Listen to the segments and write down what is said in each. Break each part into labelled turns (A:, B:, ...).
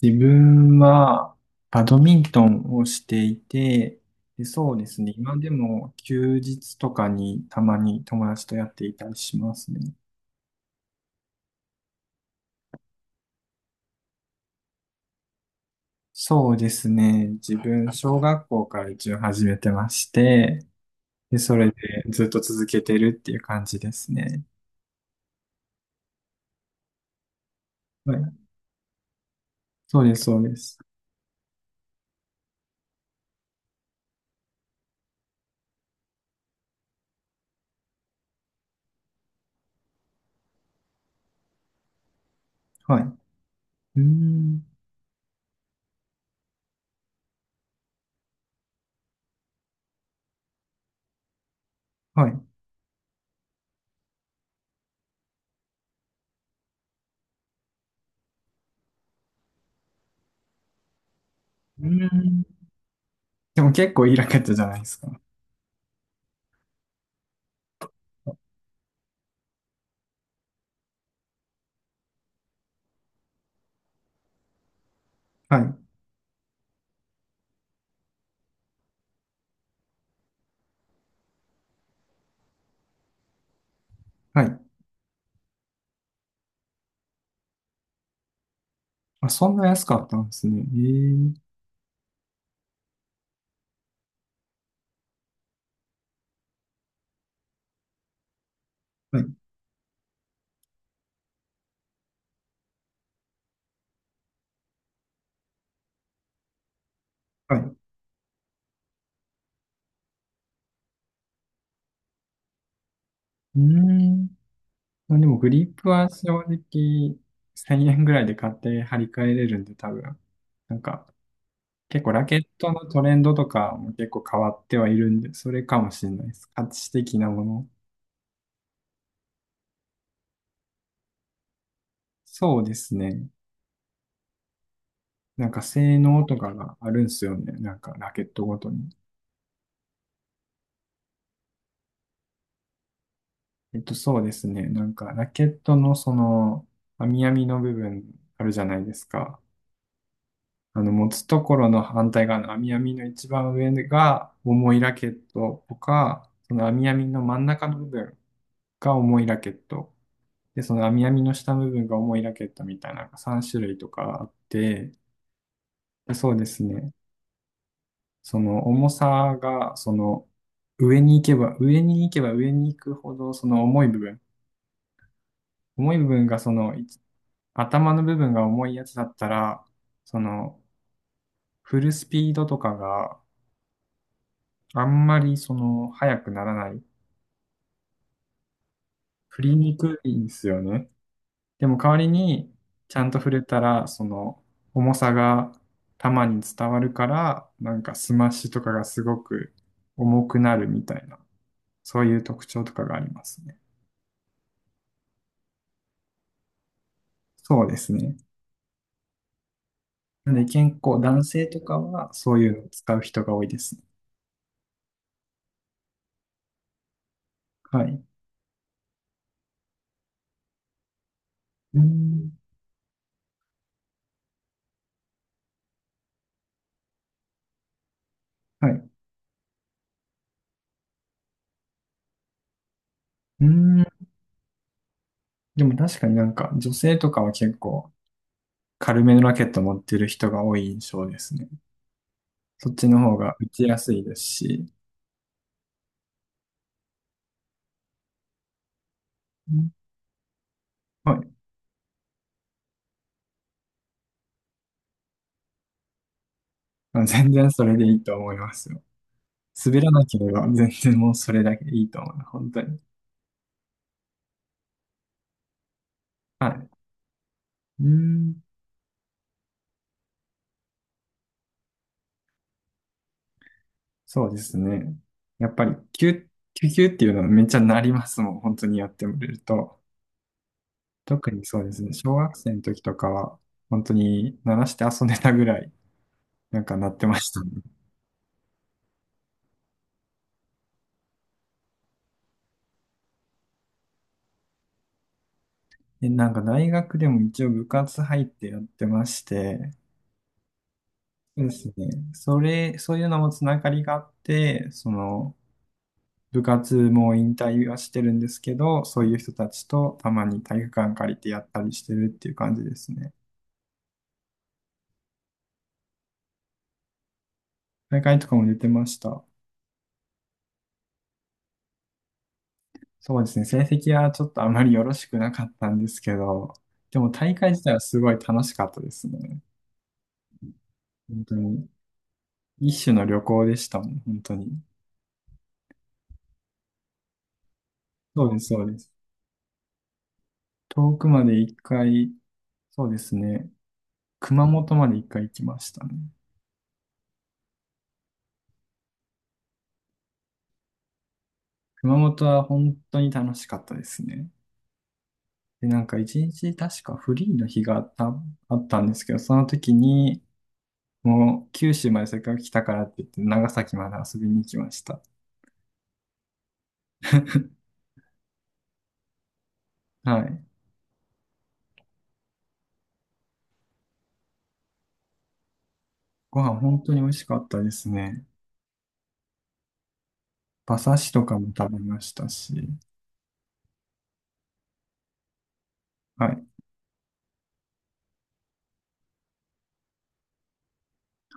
A: 自分はバドミントンをしていて、そうですね。今でも休日とかにたまに友達とやっていたりしますね。そうですね。自分、小学校から一応始めてまして、それでずっと続けてるっていう感じですね。はい。そうです、そうです。はい。うーん。はい。うーん。でも結構いいラケットじゃないですか。はい。はい。あ、そんな安かったんですね。ええ、はい。はい、うーん。まあ、でもグリップは正直1000円ぐらいで買って張り替えれるんで多分。なんか結構ラケットのトレンドとかも結構変わってはいるんで、それかもしれないです。価値的なもの。そうですね。なんか性能とかがあるんすよね。なんかラケットごとに。そうですね。なんかラケットのその網み編みの部分あるじゃないですか。あの、持つところの反対側の網やみの一番上が重いラケットとか、その網やみの真ん中の部分が重いラケット。で、その網やみの下の部分が重いラケットみたいな3種類とかあって、で、そうですね。その重さが、その上に行けば上に行くほど、その重い部分。重い部分がその、い頭の部分が重いやつだったら、その、フルスピードとかがあんまりその早くならない。振りにくいんですよね。でも代わりにちゃんと振れたら、その重さが球に伝わるから、なんかスマッシュとかがすごく重くなるみたいな、そういう特徴とかがありますね。そうですね。なので健康、男性とかはそういうのを使う人が多いですね。はい。うーん。はい。うーん。でも確かになんか女性とかは結構軽めのラケット持ってる人が多い印象ですね。そっちの方が打ちやすいですし。うん、はい。あ、全然それでいいと思いますよ。滑らなければ全然もうそれだけでいいと思います。本当に。はい。うーん。そうですね。やっぱり、キュッ、キュキュっていうのはめっちゃなりますもん。本当にやってみると。特にそうですね。小学生の時とかは、本当に鳴らして遊んでたぐらい、なんか鳴ってましたね。で、なんか大学でも一応部活入ってやってまして、そうですね。そういうのもつながりがあって、その、部活も引退はしてるんですけど、そういう人たちとたまに体育館借りてやったりしてるっていう感じですね。大会とかも出てました。そうですね。成績はちょっとあまりよろしくなかったんですけど、でも大会自体はすごい楽しかったですね。本当に。一種の旅行でしたもん、本当に。そうです、そうです。遠くまで一回、そうですね。熊本まで一回行きましたね。熊本は本当に楽しかったですね。で、なんか一日確かフリーの日があったんですけど、その時に、もう九州までせっかく来たからって言って、長崎まで遊びに行きました。はい。ご飯本当に美味しかったですね。馬刺しとかも食べましたし。はい。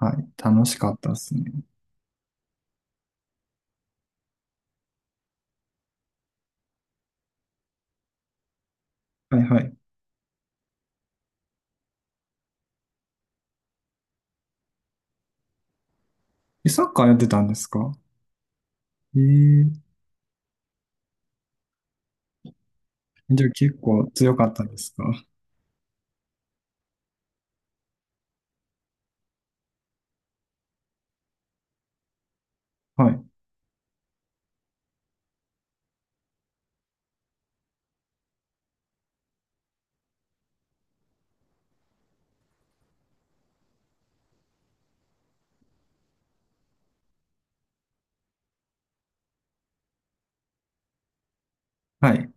A: はい。楽しかったですね。はい、はい。え、サッカーやってたんですか？ええー、じゃあ結構強かったですか？はい。はい。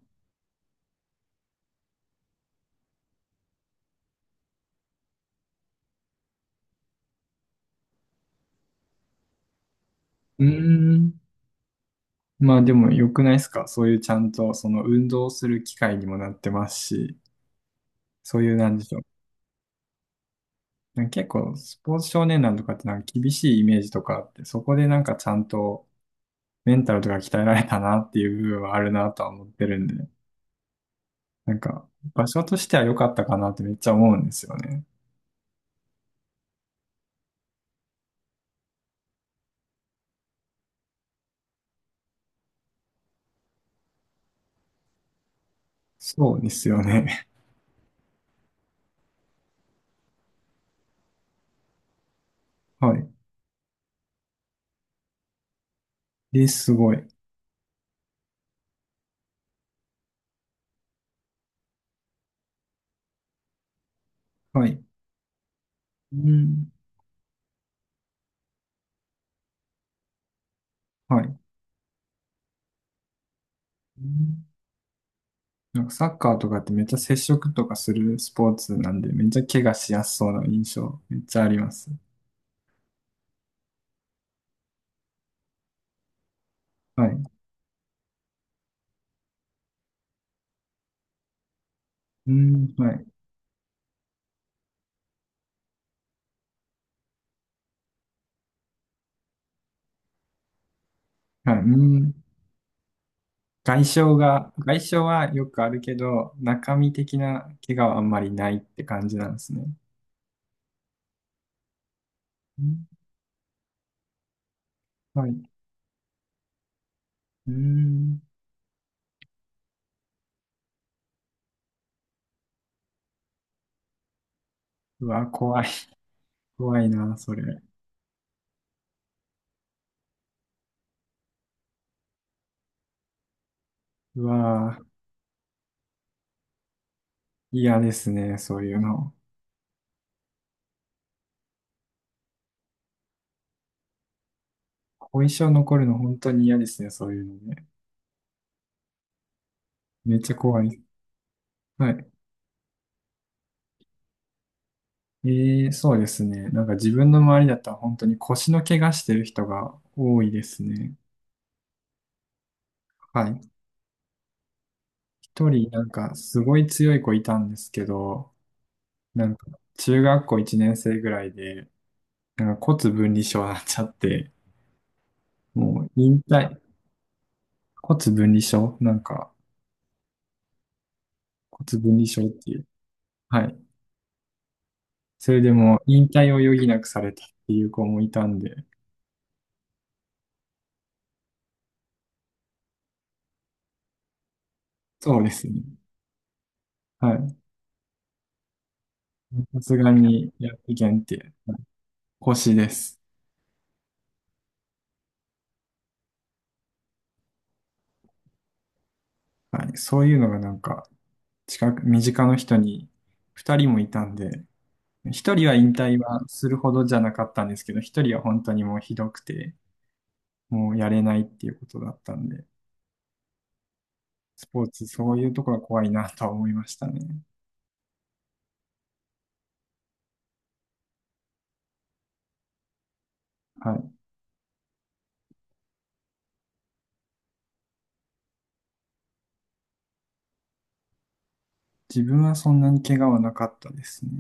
A: うーん。まあでも良くないですか、そういうちゃんとその運動する機会にもなってますし、そういう、なんでしょう。なんか結構スポーツ少年団とかってなんか厳しいイメージとかあって、そこでなんかちゃんとメンタルとか鍛えられたなっていう部分はあるなとは思ってるんで、なんか場所としては良かったかなってめっちゃ思うんですよね。そうですよね。はい。で、すごい。はい。うん。はい。うん。なんかサッカーとかってめっちゃ接触とかするスポーツなんで、めっちゃ怪我しやすそうな印象、めっちゃあります。はい。うーん、はい。はい、うーん。外傷が、外傷はよくあるけど、中身的な怪我はあんまりないって感じなんですね。うん、はい。うーん。うわ、怖い。怖いな、それ。うわ、嫌ですね、そういうの。後遺症残るの本当に嫌ですね、そういうのね。めっちゃ怖い。はい。ええ、そうですね。なんか自分の周りだったら本当に腰の怪我してる人が多いですね。はい。一人なんかすごい強い子いたんですけど、なんか中学校1年生ぐらいで、なんか骨分離症になっちゃって、もう引退、骨分離症、なんか骨分離症っていう。はい。それでもう引退を余儀なくされたっていう子もいたんで、そうですね。はい。さすがにやってけんって。腰です。はい。そういうのがなんか、近く、身近の人に2人もいたんで、1人は引退はするほどじゃなかったんですけど、1人は本当にもうひどくて、もうやれないっていうことだったんで、スポーツ、そういうところは怖いなとは思いましたね。はい。自分はそんなに怪我はなかったですね。